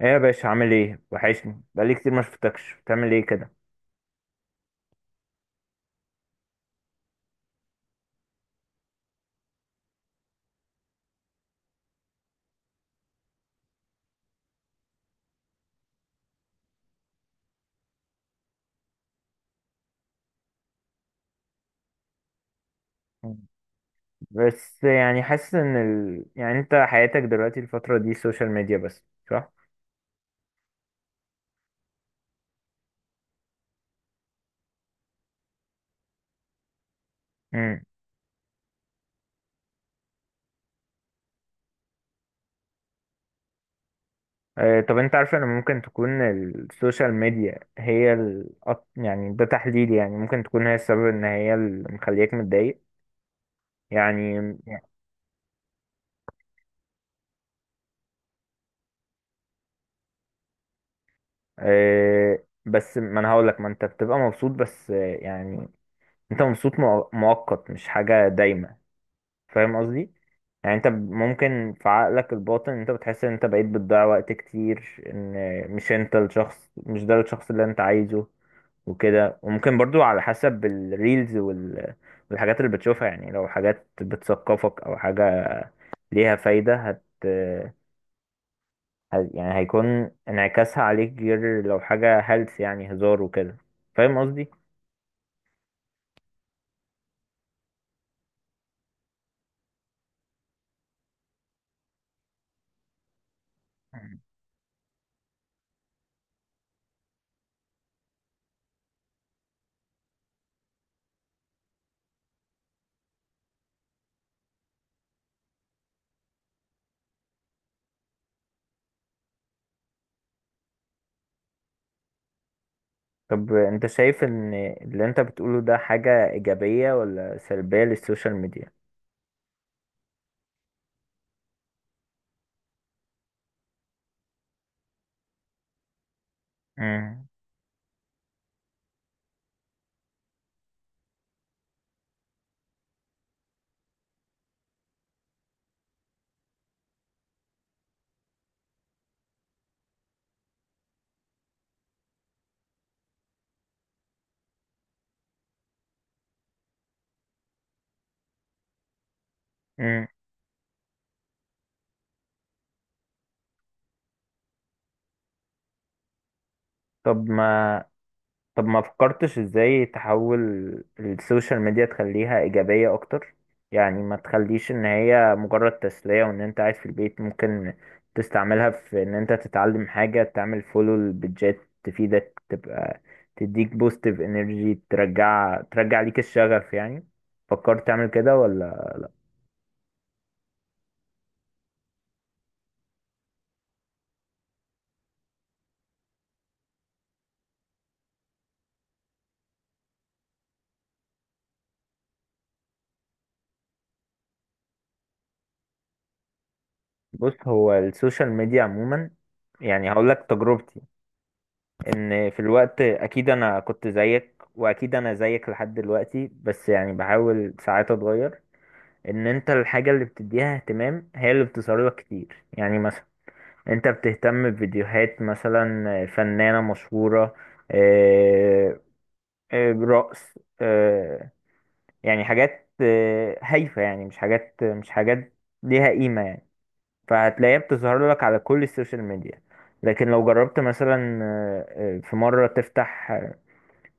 ايه يا باشا، عامل ايه؟ وحشني، بقالي كتير ما شفتكش. بتعمل ايه كده؟ بس يعني حاسس ان ال... يعني انت حياتك دلوقتي الفترة دي سوشيال ميديا بس، صح؟ امم آه. طب انت عارف ان ممكن تكون السوشيال ميديا هي يعني ده تحليلي، يعني ممكن تكون هي السبب، ان هي اللي مخليك متضايق يعني. آه بس ما انا هقولك، ما انت بتبقى مبسوط بس، يعني انت مبسوط مؤقت، مش حاجة دايمة. فاهم قصدي؟ يعني انت ممكن في عقلك الباطن انت بتحس ان انت بقيت بتضيع وقت كتير، ان مش ده الشخص اللي انت عايزه وكده. وممكن برضو على حسب الريلز والحاجات اللي بتشوفها، يعني لو حاجات بتثقفك او حاجة ليها فايدة يعني هيكون انعكاسها عليك غير لو حاجة هلس يعني هزار وكده. فاهم قصدي؟ مم. طب انت شايف ان اللي انت بتقوله ده حاجة ايجابية ولا سلبية للسوشيال ميديا؟ مم. مم. طب ما طب ما فكرتش ازاي تحول السوشيال ميديا، تخليها ايجابية اكتر؟ يعني ما تخليش ان هي مجرد تسلية، وان انت قاعد في البيت ممكن تستعملها في ان انت تتعلم حاجة، تعمل فولو لبيدجات تفيدك، تبقى تديك بوستيف انرجي، ترجع ليك الشغف يعني. فكرت تعمل كده ولا؟ بص، هو السوشيال ميديا عموما، يعني هقول لك تجربتي، ان في الوقت اكيد انا كنت زيك، واكيد انا زيك لحد دلوقتي، بس يعني بحاول ساعات اتغير. ان انت الحاجة اللي بتديها اهتمام هي اللي بتصاريها كتير. يعني مثلا انت بتهتم بفيديوهات مثلا فنانة مشهورة، آه، رقص، يعني حاجات هايفة، يعني مش حاجات ليها قيمة يعني. فهتلاقيها بتظهر لك على كل السوشيال ميديا. لكن لو جربت مثلا في مرة تفتح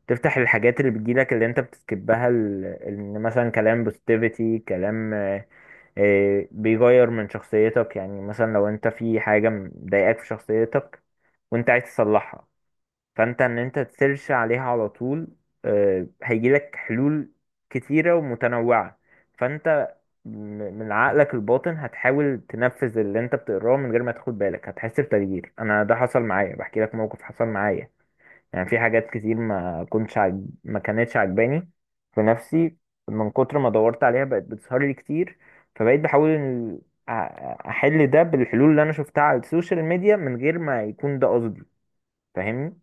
تفتح الحاجات اللي بتجيلك، اللي انت بتسكبها، مثلا كلام بوستيفيتي، كلام بيغير من شخصيتك. يعني مثلا لو انت في حاجة مضايقاك في شخصيتك وانت عايز تصلحها، فانت ان انت تسيرش عليها على طول، هيجيلك حلول كتيرة ومتنوعة. فانت م- من عقلك الباطن هتحاول تنفذ اللي انت بتقراه من غير ما تاخد بالك، هتحس بتغيير. انا ده حصل معايا، بحكي لك موقف حصل معايا. يعني في حاجات كتير ما كانتش عجباني في نفسي، من كتر ما دورت عليها بقت بتظهر لي كتير. فبقيت بحاول أ- احل ده بالحلول اللي انا شفتها على السوشيال ميديا من غير ما يكون ده قصدي. فاهمني؟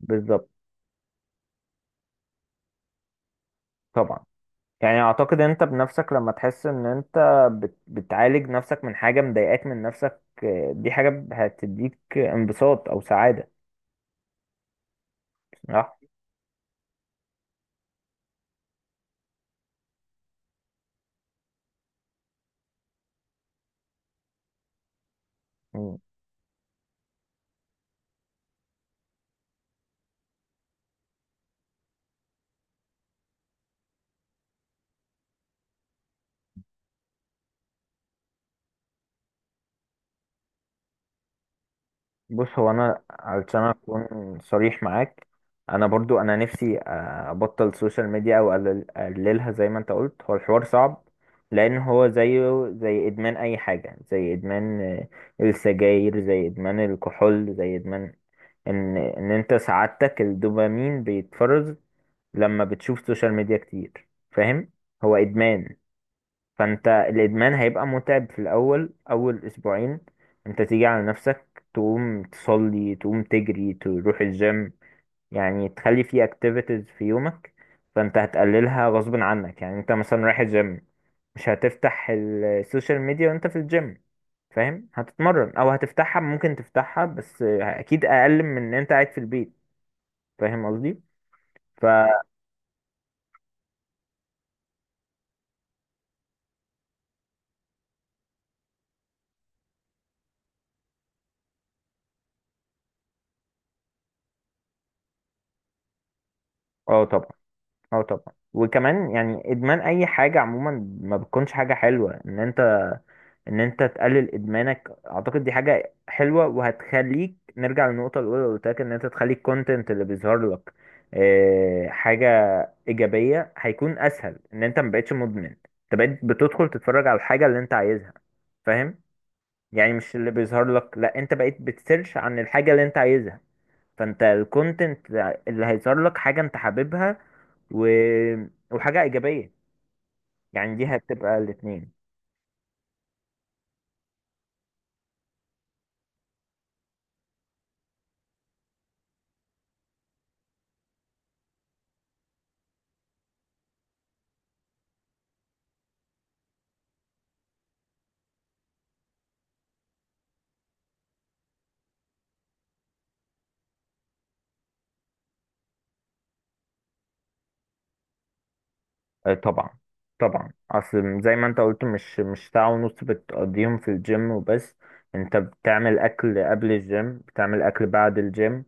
بالظبط. طبعا، يعني اعتقد انت بنفسك لما تحس ان انت بتعالج نفسك من حاجة مضايقاك من نفسك، دي حاجة هتديك انبساط او سعادة، صح؟ بص، هو انا علشان اكون صريح معاك، انا برضو نفسي ابطل السوشيال ميديا او اقللها زي ما انت قلت. هو الحوار صعب، لان هو زيه زي ادمان اي حاجة، زي ادمان السجاير، زي ادمان الكحول، زي ادمان ان انت سعادتك الدوبامين بيتفرز لما بتشوف سوشيال ميديا كتير. فاهم؟ هو ادمان. فانت الادمان هيبقى متعب في الاول، اول اسبوعين. انت تيجي على نفسك، تقوم تصلي، تقوم تجري، تروح الجيم، يعني تخلي فيه اكتيفيتيز في يومك. فانت هتقللها غصب عنك. يعني انت مثلا رايح الجيم، مش هتفتح السوشيال ميديا وانت في الجيم، فاهم؟ هتتمرن. او هتفتحها، ممكن تفتحها، بس اكيد اقل من ان انت قاعد في البيت. فاهم قصدي؟ ف اه طبعا. اه طبعا. وكمان يعني ادمان اي حاجه عموما ما بتكونش حاجه حلوه. ان انت ان انت تقلل ادمانك اعتقد دي حاجة حلوة، وهتخليك نرجع للنقطة الاولى اللي قلت لك، ان انت تخلي الكونتنت اللي بيظهر لك حاجة ايجابية. هيكون اسهل ان انت مبقتش مدمن، انت بقيت بتدخل تتفرج على الحاجة اللي انت عايزها. فاهم؟ يعني مش اللي بيظهر لك، لا انت بقيت بتسيرش عن الحاجة اللي انت عايزها. فانت الكونتنت اللي هيظهر لك حاجة انت حاببها و... وحاجة ايجابية، يعني دي هتبقى الاتنين. طبعا. طبعا، اصل زي ما انت قلت، مش ساعة ونص بتقضيهم في الجيم وبس، انت بتعمل اكل قبل الجيم، بتعمل اكل بعد الجيم،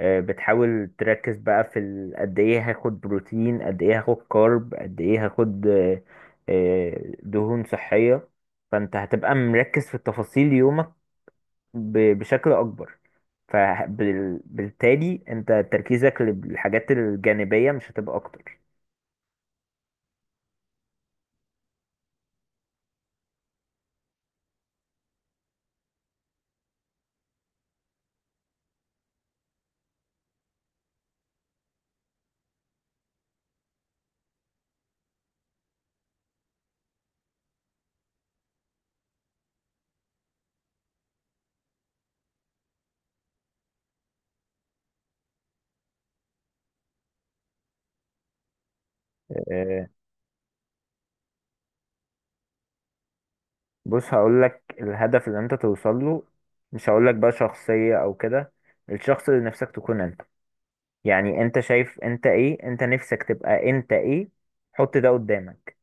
بتحاول تركز بقى في قد ايه هاخد بروتين، قد ايه هاخد كارب، قد ايه هاخد دهون صحية. فانت هتبقى مركز في تفاصيل يومك بشكل اكبر، فبالتالي انت تركيزك للحاجات الجانبية مش هتبقى اكتر. آه، بص، هقول لك الهدف اللي انت توصل له، مش هقول لك بقى شخصية او كده، الشخص اللي نفسك تكون انت. يعني انت شايف انت ايه؟ انت نفسك تبقى انت ايه؟ حط ده قدامك،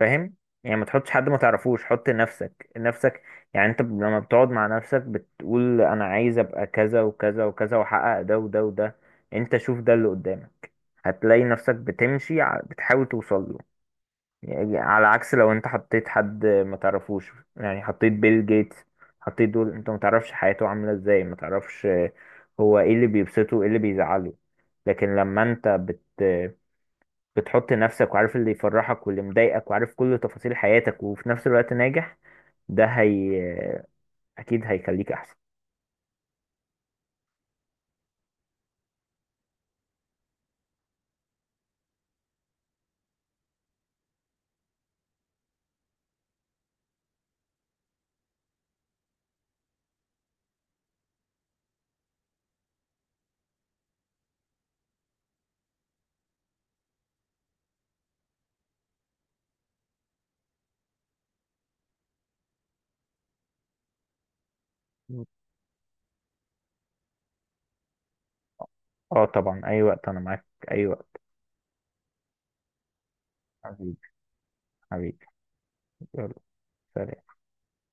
فاهم؟ يعني ما تحطش حد ما تعرفوش، حط نفسك نفسك. يعني انت لما بتقعد مع نفسك بتقول انا عايز ابقى كذا وكذا وكذا، واحقق ده وده وده، انت شوف ده اللي قدامك، هتلاقي نفسك بتمشي بتحاول توصل له. يعني على عكس لو انت حطيت حد ما تعرفوش، يعني حطيت بيل جيتس، حطيت دول انت ما تعرفش حياته عاملة ازاي، ما تعرفش هو ايه اللي بيبسطه ايه اللي بيزعله. لكن لما انت بتحط نفسك وعارف اللي يفرحك واللي مضايقك، وعارف كل تفاصيل حياتك وفي نفس الوقت ناجح، ده هي اكيد هيخليك احسن. اه طبعا، اي وقت، انا معاك اي وقت. حبيبي، حبيبي. يلا، سلام.